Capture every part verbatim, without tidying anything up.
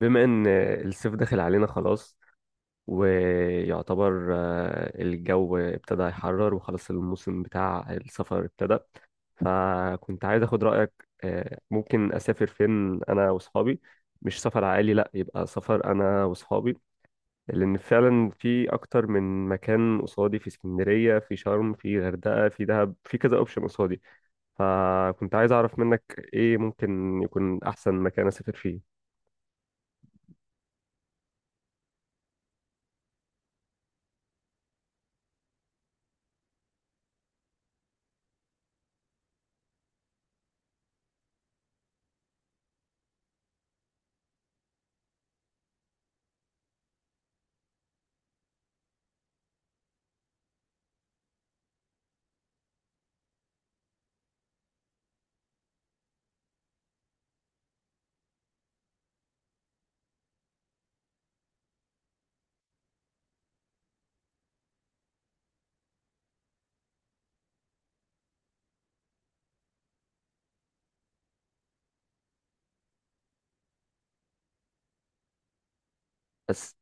بما ان الصيف داخل علينا خلاص ويعتبر آه، الجو ابتدى يحرر وخلاص الموسم بتاع السفر ابتدى. فكنت عايز اخد رأيك، آه، ممكن اسافر فين انا واصحابي؟ مش سفر عائلي، لا، يبقى سفر انا واصحابي. لان فعلا في اكتر من مكان قصادي، في اسكندرية، في شرم، في غردقة، في دهب، في كذا اوبشن قصادي. فكنت عايز اعرف منك ايه ممكن يكون احسن مكان اسافر فيه؟ بس.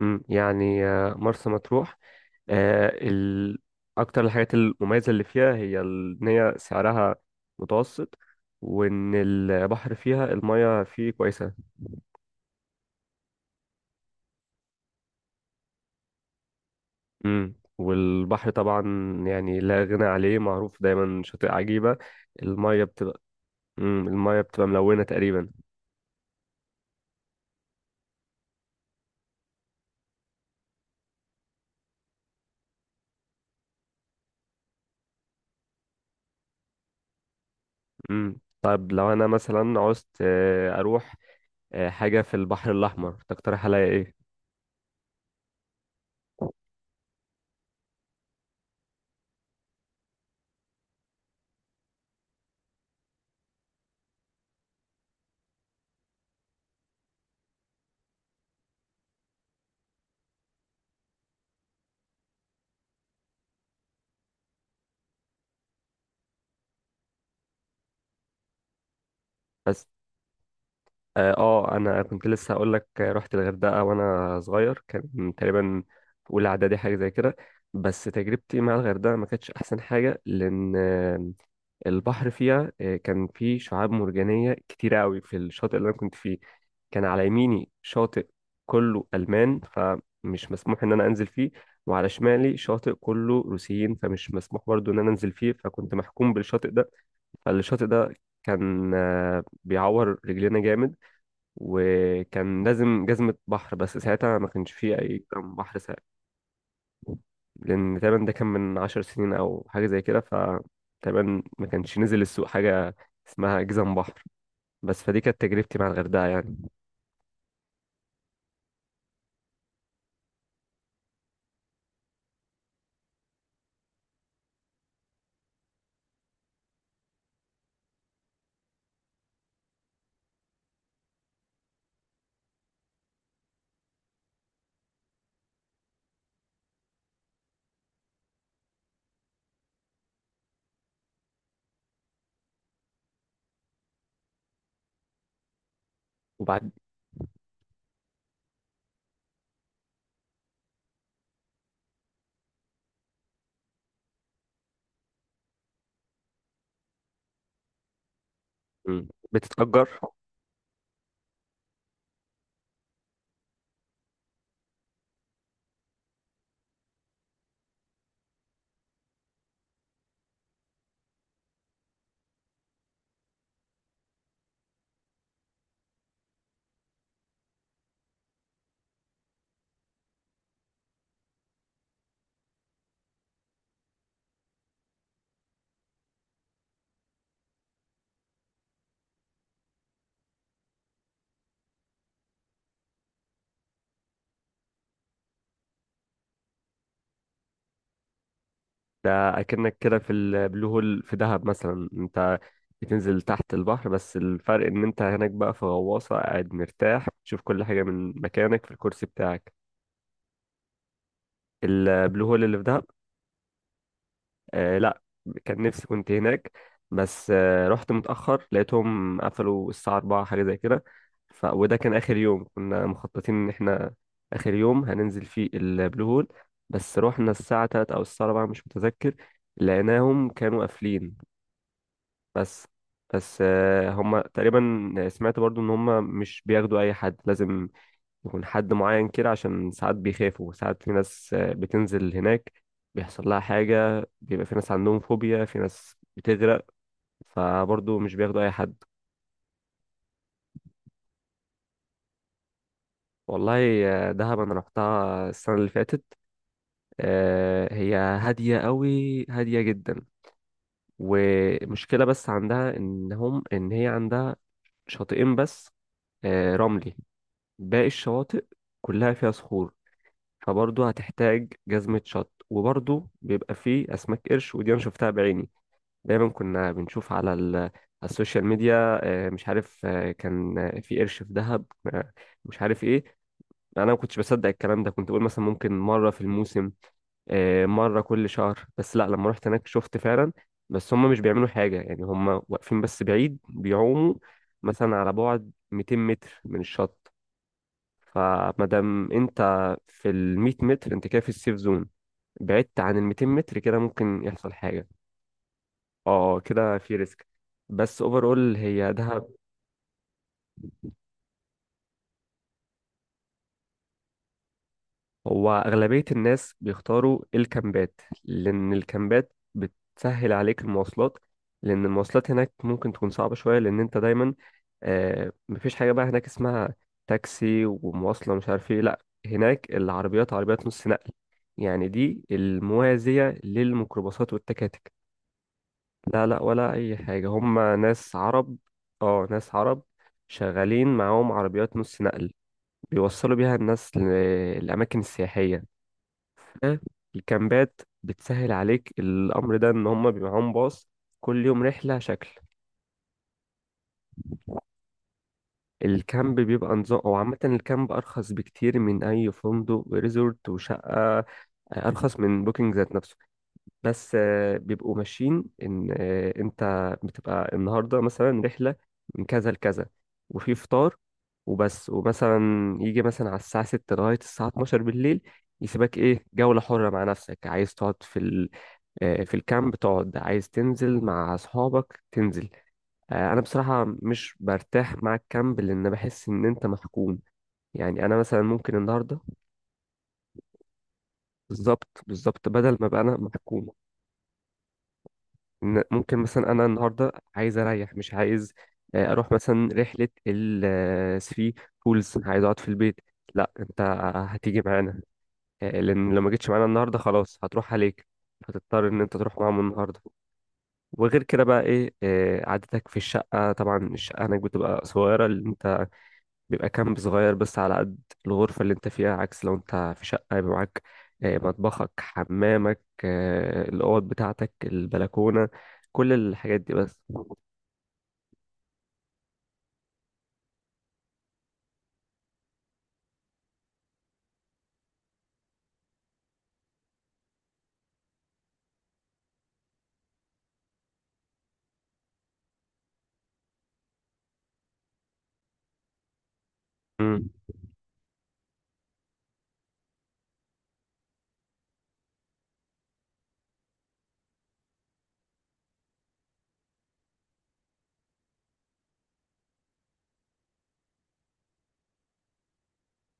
مم، يعني آه، مرسى مطروح، آه، ال... أكتر الحاجات المميزة اللي فيها هي ال- إن هي سعرها متوسط، وإن البحر فيها المياه فيه كويسة. مم. والبحر طبعا يعني لا غنى عليه، معروف دايما شاطئ عجيبة. المياه بتبقى مم. المياه بتبقى ملونة تقريبا. مم. طب لو أنا مثلا عوزت آه، أروح آه، حاجة في البحر الأحمر، تقترح عليا إيه؟ بس. اه، آه، انا كنت لسه هقول لك، آه، رحت الغردقه وانا صغير، كان تقريبا في اولى اعدادي حاجه زي كده. بس تجربتي مع الغردقه ما كانتش احسن حاجه، لان آه، البحر فيها آه، كان فيه شعاب مرجانيه كتير قوي في الشاطئ اللي انا كنت فيه. كان على يميني شاطئ كله المان، فمش مسموح ان انا انزل فيه. وعلى شمالي شاطئ كله روسيين، فمش مسموح برضو ان انا انزل فيه، فكنت محكوم بالشاطئ ده. فالشاطئ ده كان آه، بيعور رجلينا جامد. وكان لازم جزمة بحر، بس ساعتها ما كانش فيه أي جزم بحر ساعتها، لأن تقريبا ده كان من عشر سنين أو حاجة زي كده. فتقريبا ما كانش نزل السوق حاجة اسمها جزم بحر. بس فدي كانت تجربتي مع الغردقة يعني. وبعد. مم. بتتأجر. ده أكنك كده في البلو هول في دهب، مثلا أنت بتنزل تحت البحر، بس الفرق إن أنت هناك بقى في غواصة، قاعد مرتاح تشوف كل حاجة من مكانك في الكرسي بتاعك. البلو هول اللي في دهب؟ آه لا، كان نفسي كنت هناك، بس آه رحت متأخر لقيتهم قفلوا الساعة أربعة حاجة زي كده. ف... وده كان آخر يوم كنا مخططين إن إحنا آخر يوم هننزل فيه البلو هول. بس رحنا الساعة ثلاثة أو الساعة أربعة مش متذكر، لقيناهم كانوا قافلين. بس. بس آه هم تقريبا سمعت برضو إن هم مش بياخدوا أي حد، لازم يكون حد معين كده، عشان ساعات بيخافوا. ساعات في ناس آه، بتنزل هناك بيحصل لها حاجة، بيبقى في ناس عندهم فوبيا، في ناس بتغرق، فبرضه مش بياخدوا أي حد. والله آه، دهب أنا رحتها السنة اللي فاتت. آه، هي هادية قوي، هادية جدا. ومشكلة بس عندها إن هم إن هي عندها شاطئين بس آه، رملي. باقي الشواطئ كلها فيها صخور، فبرضه هتحتاج جزمة شط. وبرضه بيبقى فيه أسماك قرش، ودي أنا شفتها بعيني. دايما كنا بنشوف على ال- على السوشيال ميديا آه، مش عارف، آه، كان آه، في قرش في دهب، آه، مش عارف إيه. أنا ما كنتش بصدق الكلام ده، كنت بقول مثلا ممكن مرة في الموسم، آه، مرة كل شهر. بس لا، لما رحت هناك شفت فعلا. بس هم مش بيعملوا حاجة، يعني هم واقفين بس بعيد بيعوموا، مثلا على بعد 200 متر من الشط. فمادام انت في ال 100 متر، انت كده في السيف زون. بعدت عن ال 200 متر كده ممكن يحصل حاجة. اه آه، كده في ريسك. بس اوفرول هي دهب. هو أغلبية الناس بيختاروا الكامبات، لأن الكامبات بتسهل عليك المواصلات. لأن المواصلات هناك ممكن تكون صعبة شوية، لأن أنت دايما آه مفيش حاجة بقى هناك اسمها تاكسي ومواصلة مش عارف ايه. لأ، هناك العربيات عربيات نص نقل، يعني دي الموازية للميكروباصات والتكاتك. لا لا، ولا اي حاجه، هم ناس عرب. اه، ناس عرب شغالين معاهم عربيات نص نقل بيوصلوا بيها الناس للاماكن السياحيه. الكامبات بتسهل عليك الامر ده، ان هم بيبقى معاهم باص كل يوم رحله شكل. الكامب بيبقى نظام او عامه، الكامب ارخص بكتير من اي فندق وريزورت وشقه، ارخص من بوكينج ذات نفسه. بس آه، بيبقوا ماشيين ان آه، انت بتبقى النهارده مثلا رحله من كذا لكذا وفي فطار وبس. ومثلا يجي مثلا على الساعه السادسة لغايه الساعه الثانية عشر بالليل يسيبك، ايه، جوله حره مع نفسك، عايز تقعد في ال... آه، في الكامب تقعد، عايز تنزل مع اصحابك تنزل. آه، انا بصراحه مش برتاح مع الكامب، لان بحس ان انت محكوم. يعني انا مثلا ممكن النهارده، بالظبط، بالظبط بدل ما بقى انا محكوم، إن ممكن مثلا انا النهارده عايز اريح، مش عايز آه، اروح مثلا رحله الثري بولز، عايز اقعد في البيت. لا انت هتيجي معانا، آه، لان لو ما جيتش معانا النهارده خلاص هتروح عليك، هتضطر ان انت تروح معاهم النهارده. وغير كده بقى ايه، آه، قعدتك في الشقه، طبعا الشقه هناك بتبقى صغيره اللي انت بيبقى كامب صغير بس على قد الغرفه اللي انت فيها، عكس لو انت في شقه يبقى معاك آه، مطبخك، حمامك، آه، الاوض بتاعتك، البلكونه، كل الحاجات دي بس. امم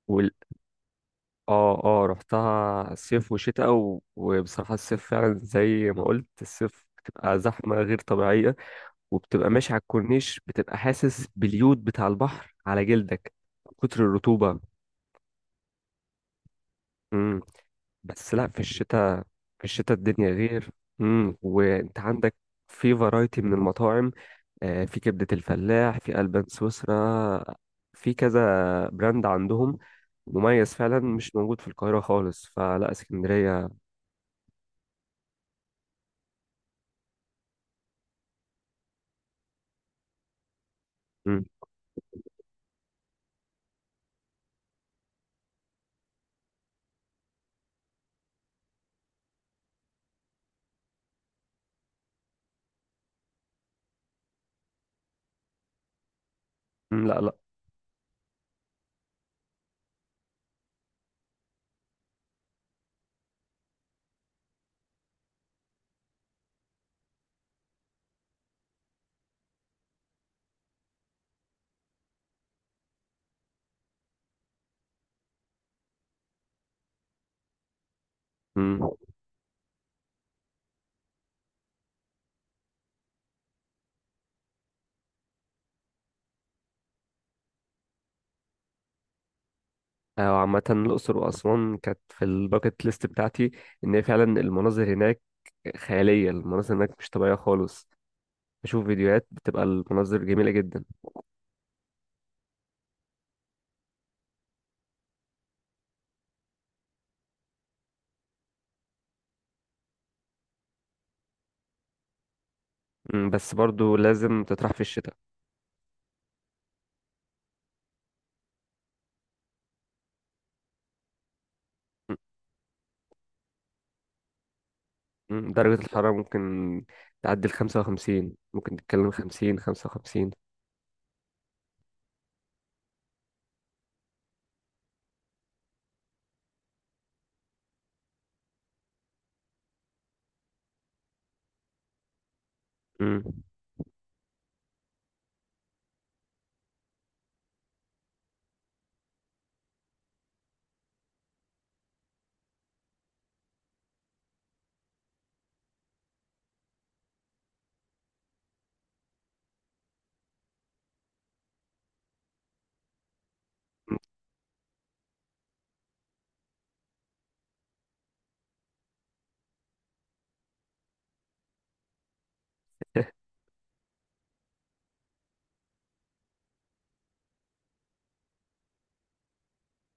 وال... اه اه، رحتها صيف وشتاء و... وبصراحة الصيف فعلا زي ما قلت. الصيف بتبقى زحمة غير طبيعية، وبتبقى ماشي على الكورنيش بتبقى حاسس باليود بتاع البحر على جلدك من كتر الرطوبة. امم بس لا، في الشتاء، في الشتاء الدنيا غير. امم وانت عندك في فرايتي من المطاعم، آه، في كبدة الفلاح، في ألبان سويسرا، في كذا براند عندهم مميز فعلا مش موجود في القاهرة خالص، فلا اسكندرية. مم. مم، لا لا. مم. آه، وعامة الأقصر وأسوان كانت في الباكت ليست بتاعتي. إن هي فعلا المناظر هناك خيالية، المناظر هناك مش طبيعية خالص. بشوف فيديوهات بتبقى المناظر جميلة جدا. مم، بس برضو لازم تطرح في الشتاء. مم، مم، درجة الحرارة ممكن تعدي الخمسة وخمسين، ممكن تتكلم خمسين، خمسة وخمسين.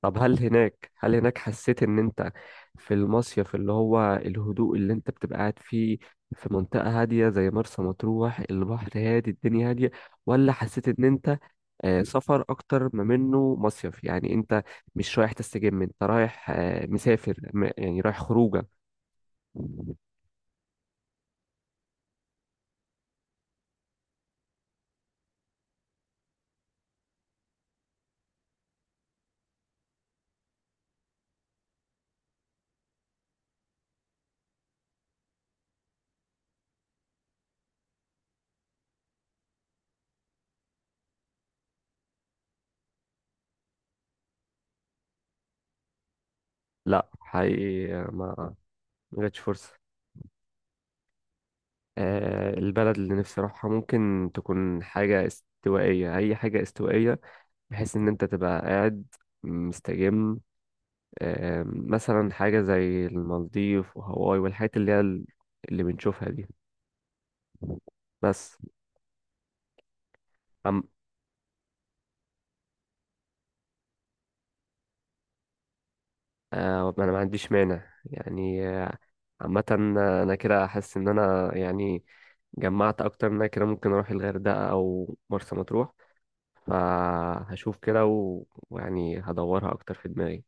طب، هل هناك هل هناك حسيت ان انت في المصيف اللي هو الهدوء اللي انت بتبقى قاعد فيه في منطقة هادية زي مرسى مطروح، البحر هادي، الدنيا هادية؟ ولا حسيت ان انت آه، سفر اكتر ما منه مصيف، يعني انت مش رايح تستجم، انت رايح آه، مسافر، م- يعني رايح خروجه؟ لا حقيقي، ما ما جاتش فرصة. آه، البلد اللي نفسي اروحها ممكن تكون حاجة استوائية، اي حاجة استوائية بحيث ان انت تبقى قاعد مستجم. آم، مثلا حاجة زي المالديف وهاواي والحاجات اللي هي ال- اللي بنشوفها دي. بس. أم آه، انا ما عنديش مانع يعني. آه، عامة انا كده حاسس ان انا يعني جمعت اكتر من، أنا كده ممكن اروح الغردقة او مرسى مطروح، فهشوف كده و- ويعني هدورها اكتر في دماغي.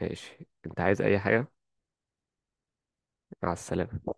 ماشي، انت عايز اي حاجة؟ مع السلامة.